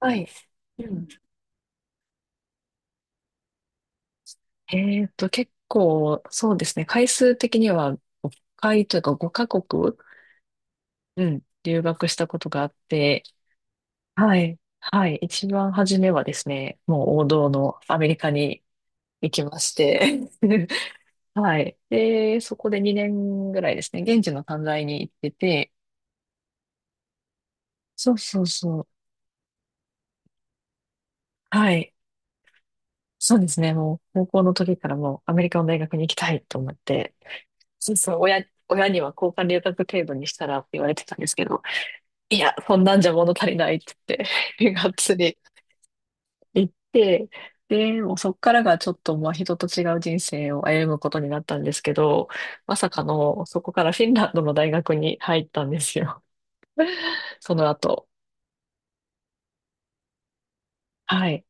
はい。うん。結構、そうですね。回数的には5回というか5カ国、うん、留学したことがあって、はい。はい。一番初めはですね、もう王道のアメリカに行きまして、はい。で、そこで2年ぐらいですね、現地の短大に行ってて、そうそうそう。はい。そうですね。もう高校の時からもうアメリカの大学に行きたいと思って、そうそう、親には交換留学程度にしたらって言われてたんですけど、いや、そんなんじゃ物足りないって言って、がっつり行って、で、もうそっからがちょっと、まあ、人と違う人生を歩むことになったんですけど、まさかの、そこからフィンランドの大学に入ったんですよ。その後。はい。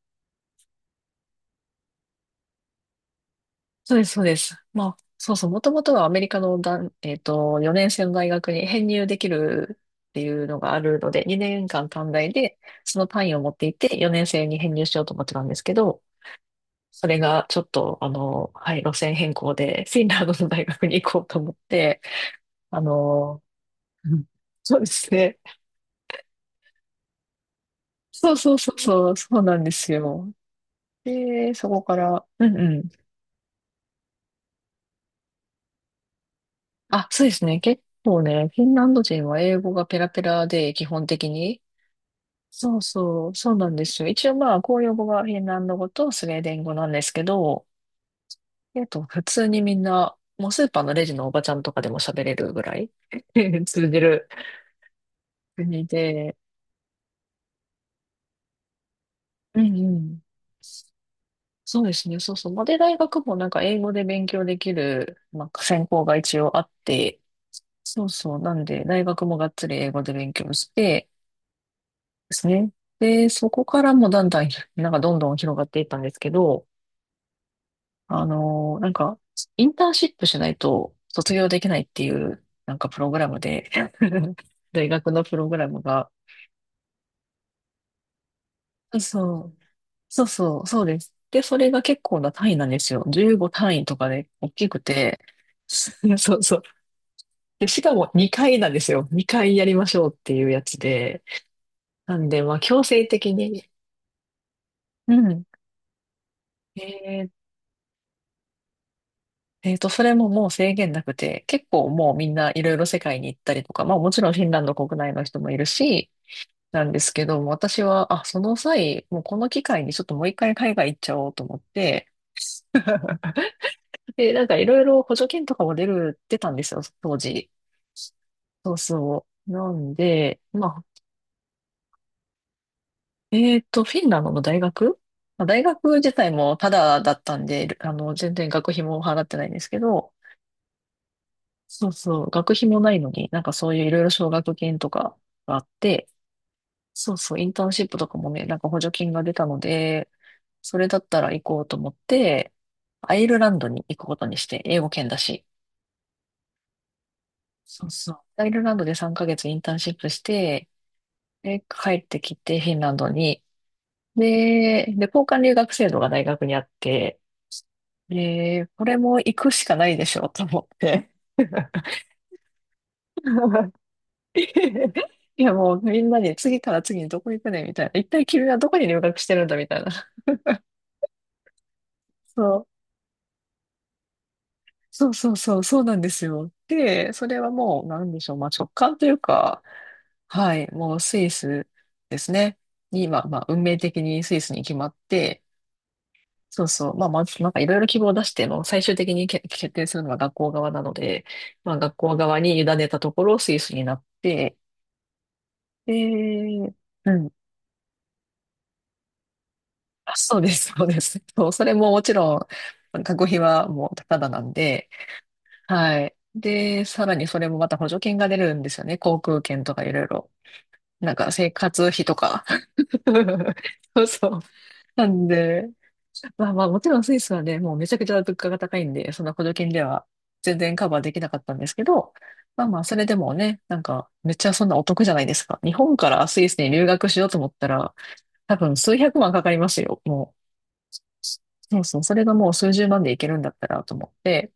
そうです、そうです。まあ、そうそう、もともとはアメリカのだん、えっと、4年生の大学に 編入できるっていうのがあるので、2年間短大で、その単位を持っていて、4年生に編入しようと思ってたんですけど、それがちょっと、はい、路線変更で、フィンランドの大学に行こうと思って、あの、うんそうですね。そうそうそうそう、そうなんですよ。で、そこから、うんうん。あ、そうですね。結構ね、フィンランド人は英語がペラペラで、基本的に、そうそう、そうなんですよ。一応まあ、公用語がフィンランド語とスウェーデン語なんですけど、普通にみんな、もうスーパーのレジのおばちゃんとかでも喋れるぐらい 通じる国で、うんうん。そうですね、そうそう。まあで、大学もなんか英語で勉強できる、まあ、専攻が一応あって、そうそう。なんで、大学もがっつり英語で勉強してですね。で、そこからもだんだん、なんかどんどん広がっていったんですけど、なんか、インターンシップしないと卒業できないっていう、なんかプログラムで、大学のプログラムが、そう、そうそう、そうです。で、それが結構な単位なんですよ。15単位とかで大きくて、そうそう。で、しかも2回なんですよ。2回やりましょうっていうやつで。なんで、まあ強制的に。うん。えーえーと、それももう制限なくて、結構もうみんないろいろ世界に行ったりとか、まあもちろんフィンランド国内の人もいるし、なんですけども、私は、あ、その際、もうこの機会にちょっともう一回海外行っちゃおうと思って、で、なんかいろいろ補助金とかも出たんですよ、当時。そうそう。なんで、まあ、フィンランドの大学まあ大学自体もタダだったんで、あの、全然学費も払ってないんですけど、そうそう、学費もないのに、なんかそういういろいろ奨学金とかがあって、そうそう、インターンシップとかもね、なんか補助金が出たので、それだったら行こうと思って、アイルランドに行くことにして、英語圏だし。そうそう。アイルランドで3ヶ月インターンシップして、で、帰ってきてフィンランドに。で、交換留学制度が大学にあって、で、これも行くしかないでしょうと思って。いやもうみんなに次から次にどこ行くねみたいな。一体君はどこに留学してるんだみたいな。そうそうそうそう、そうなんですよ。で、それはもう、なんでしょう、まあ、直感というか、はい、もうスイスですね。に、まあ、まあ、運命的にスイスに決まって、そうそう、まあ、まず、なんかいろいろ希望を出しても、最終的に決定するのは学校側なので、まあ、学校側に委ねたところ、スイスになって、で、うん、あそうです、そうです。そう、それももちろん学費はもうただなんで、はい。で、さらにそれもまた補助金が出るんですよね。航空券とかいろいろ。なんか生活費とか。そうそう。なんで、まあまあもちろんスイスはね、もうめちゃくちゃ物価が高いんで、その補助金では全然カバーできなかったんですけど、まあまあそれでもね、なんかめっちゃそんなお得じゃないですか。日本からスイスに留学しようと思ったら、多分数百万かかりますよ、もう。そうそう、それがもう数十万でいけるんだったらと思って、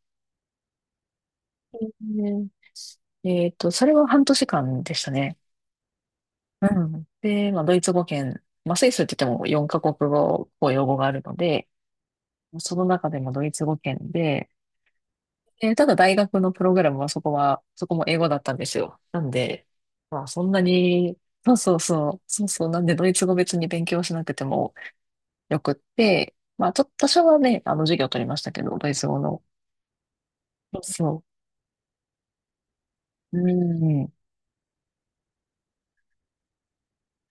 ねえっと、それは半年間でしたね。うん。で、まあ、ドイツ語圏、まあ、スイスって言っても4カ国語、公用語があるので、その中でもドイツ語圏で、ただ大学のプログラムはそこも英語だったんですよ。なんで、まあ、そんなに、そうそうそう、そうそう、なんでドイツ語別に勉強しなくてもよくって、まあ、ちょっと多少はね、あの、授業を取りましたけど、ドイツ語の。そうそう。うん。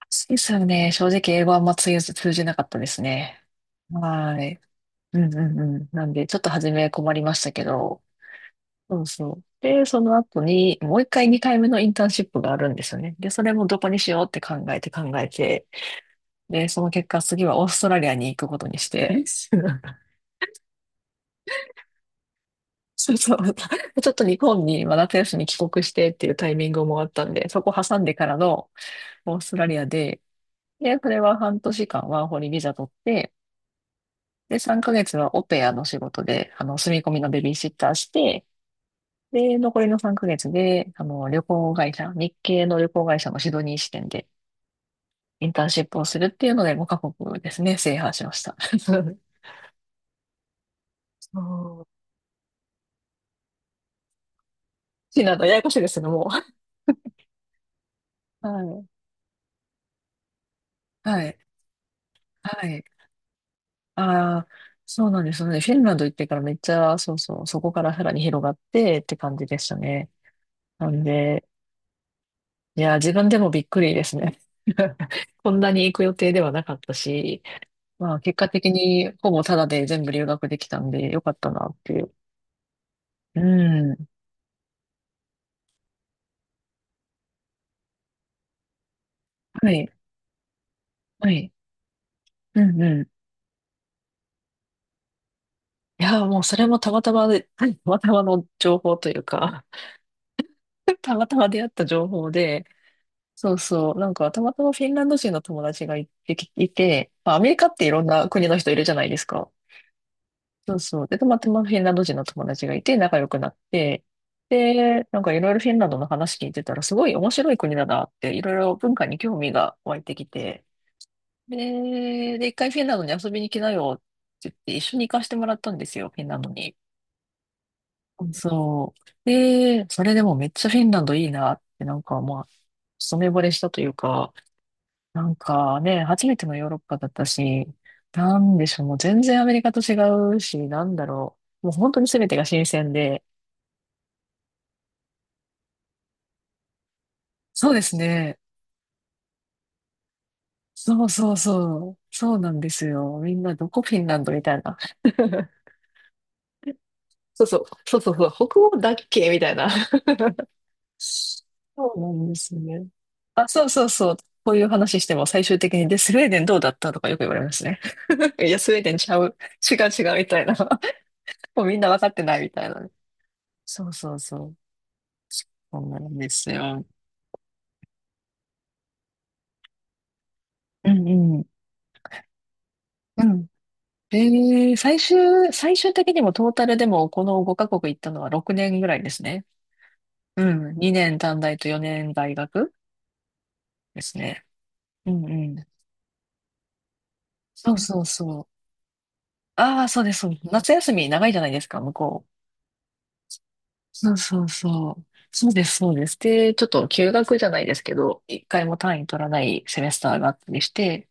スイスはね、正直英語はあんま通じなかったですね。はい。うんうんうん。なんで、ちょっと初め困りましたけど、そうそう。で、その後に、もう二回目のインターンシップがあるんですよね。で、それもどこにしようって考えて、で、その結果、次はオーストラリアに行くことにして、そうそう。ちょっと日本に、まあ夏休み帰国してっていうタイミングもあったんで、そこ挟んでからのオーストラリアで、で、それは半年間ワーホリビザ取って、で、3ヶ月はオペアの仕事で、あの、住み込みのベビーシッターして、で、残りの3ヶ月で、あの、旅行会社、日系の旅行会社のシドニー支店でインターンシップをするっていうので、5カ国ですね、制覇しました。そう。シーランド、ややこしいですけどもう。はい。はい。はい。ああ、そうなんですね。フィンランド行ってからめっちゃ、そうそう、そこからさらに広がってって感じでしたね。なんで、いや、自分でもびっくりですね。こんなに行く予定ではなかったし、まあ、結果的にほぼタダで全部留学できたんでよかったなってうん。はい。はい。うんうん。いやー、もうそれもたまたまで、はいたまたまの情報というか たまたま出会った情報で、そうそう、なんかたまたまフィンランド人の友達がいて、いて、まあ、アメリカっていろんな国の人いるじゃないですか。そうそう。で、たまたまフィンランド人の友達がいて仲良くなって、で、なんかいろいろフィンランドの話聞いてたら、すごい面白い国だなって、いろいろ文化に興味が湧いてきて、で、一回フィンランドに遊びに来なよって言って、一緒に行かせてもらったんですよ、フィンランドに。そう。で、それでもめっちゃフィンランドいいなって、なんかまあ、一目惚れしたというか、なんかね、初めてのヨーロッパだったし、なんでしょう、もう全然アメリカと違うし、なんだろう。もう本当に全てが新鮮で。そうですね。そうそうそう。そうなんですよ。みんなどこフィンランドみたいな。そうそう、そうそうそう、北欧だっけみたいな。そうなんですね。あ、そうそうそう。こういう話しても最終的に、で、スウェーデンどうだったとかよく言われますね。いや、スウェーデンちゃう。違う違うみたいな。もうみんな分かってないみたいな。そうそうそう。そうなんですよ。うんうん。うん。えー、最終、最終的にもトータルでもこの5カ国行ったのは6年ぐらいですね。うん。2年短大と4年大学ですね。うんうん。そうそうそう。ああ、そうです。そうです、夏休み長いじゃないですか、向こう。そうそうそう。そうです、そうです。で、ちょっと休学じゃないですけど、一回も単位取らないセメスターがあったりして、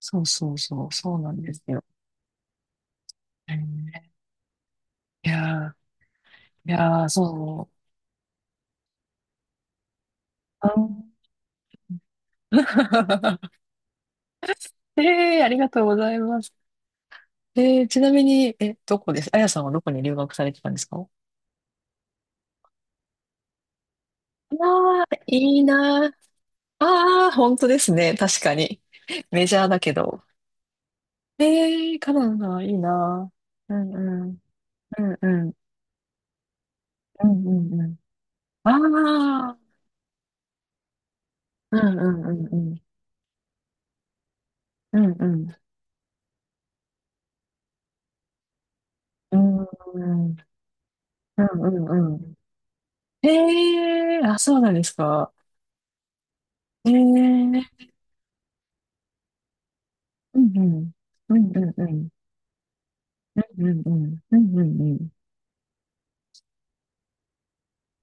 そうそうそう、そうなんですよ。えーいやー、そう。あー ありがとうございます。えー、ちなみに、え、どこです、あやさんはどこに留学されてたんですか。ああー、いいなー。ああ、本当ですね。確かに。メジャーだけど。えー、カナダ、いいなー。うんうん。うんうんうんうんうん。ああ、うんうんうんうん。うんうん。うんうんうんうん。へえ、あ、そうなんですか。へえ、うんうん。うんうんうん。うんうんうん。うんうんうん。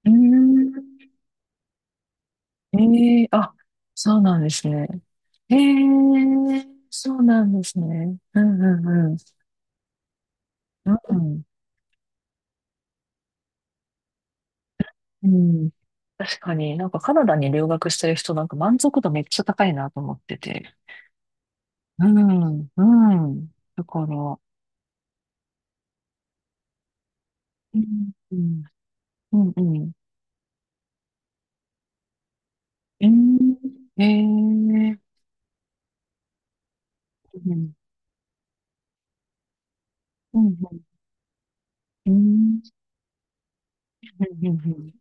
うーん。へえ、あ、そうなんですね。へえ、そうなんですね。うんうんうん。うんうん。確かになんかカナダに留学してる人なんか満足度めっちゃ高いなと思ってて。うん、うん。だから、うん、うん、うん、うん。えー、えー、うん、うん、うん、うん、うん、うん、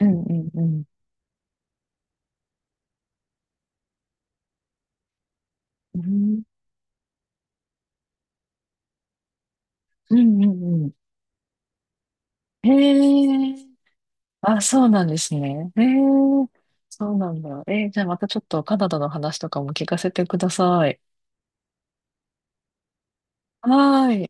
うん、うん、うん、うん、うん、うん。えー、あ、そうなんですね。えー、そうなんだ。えー、じゃあまたちょっとカナダの話とかも聞かせてください。はーい。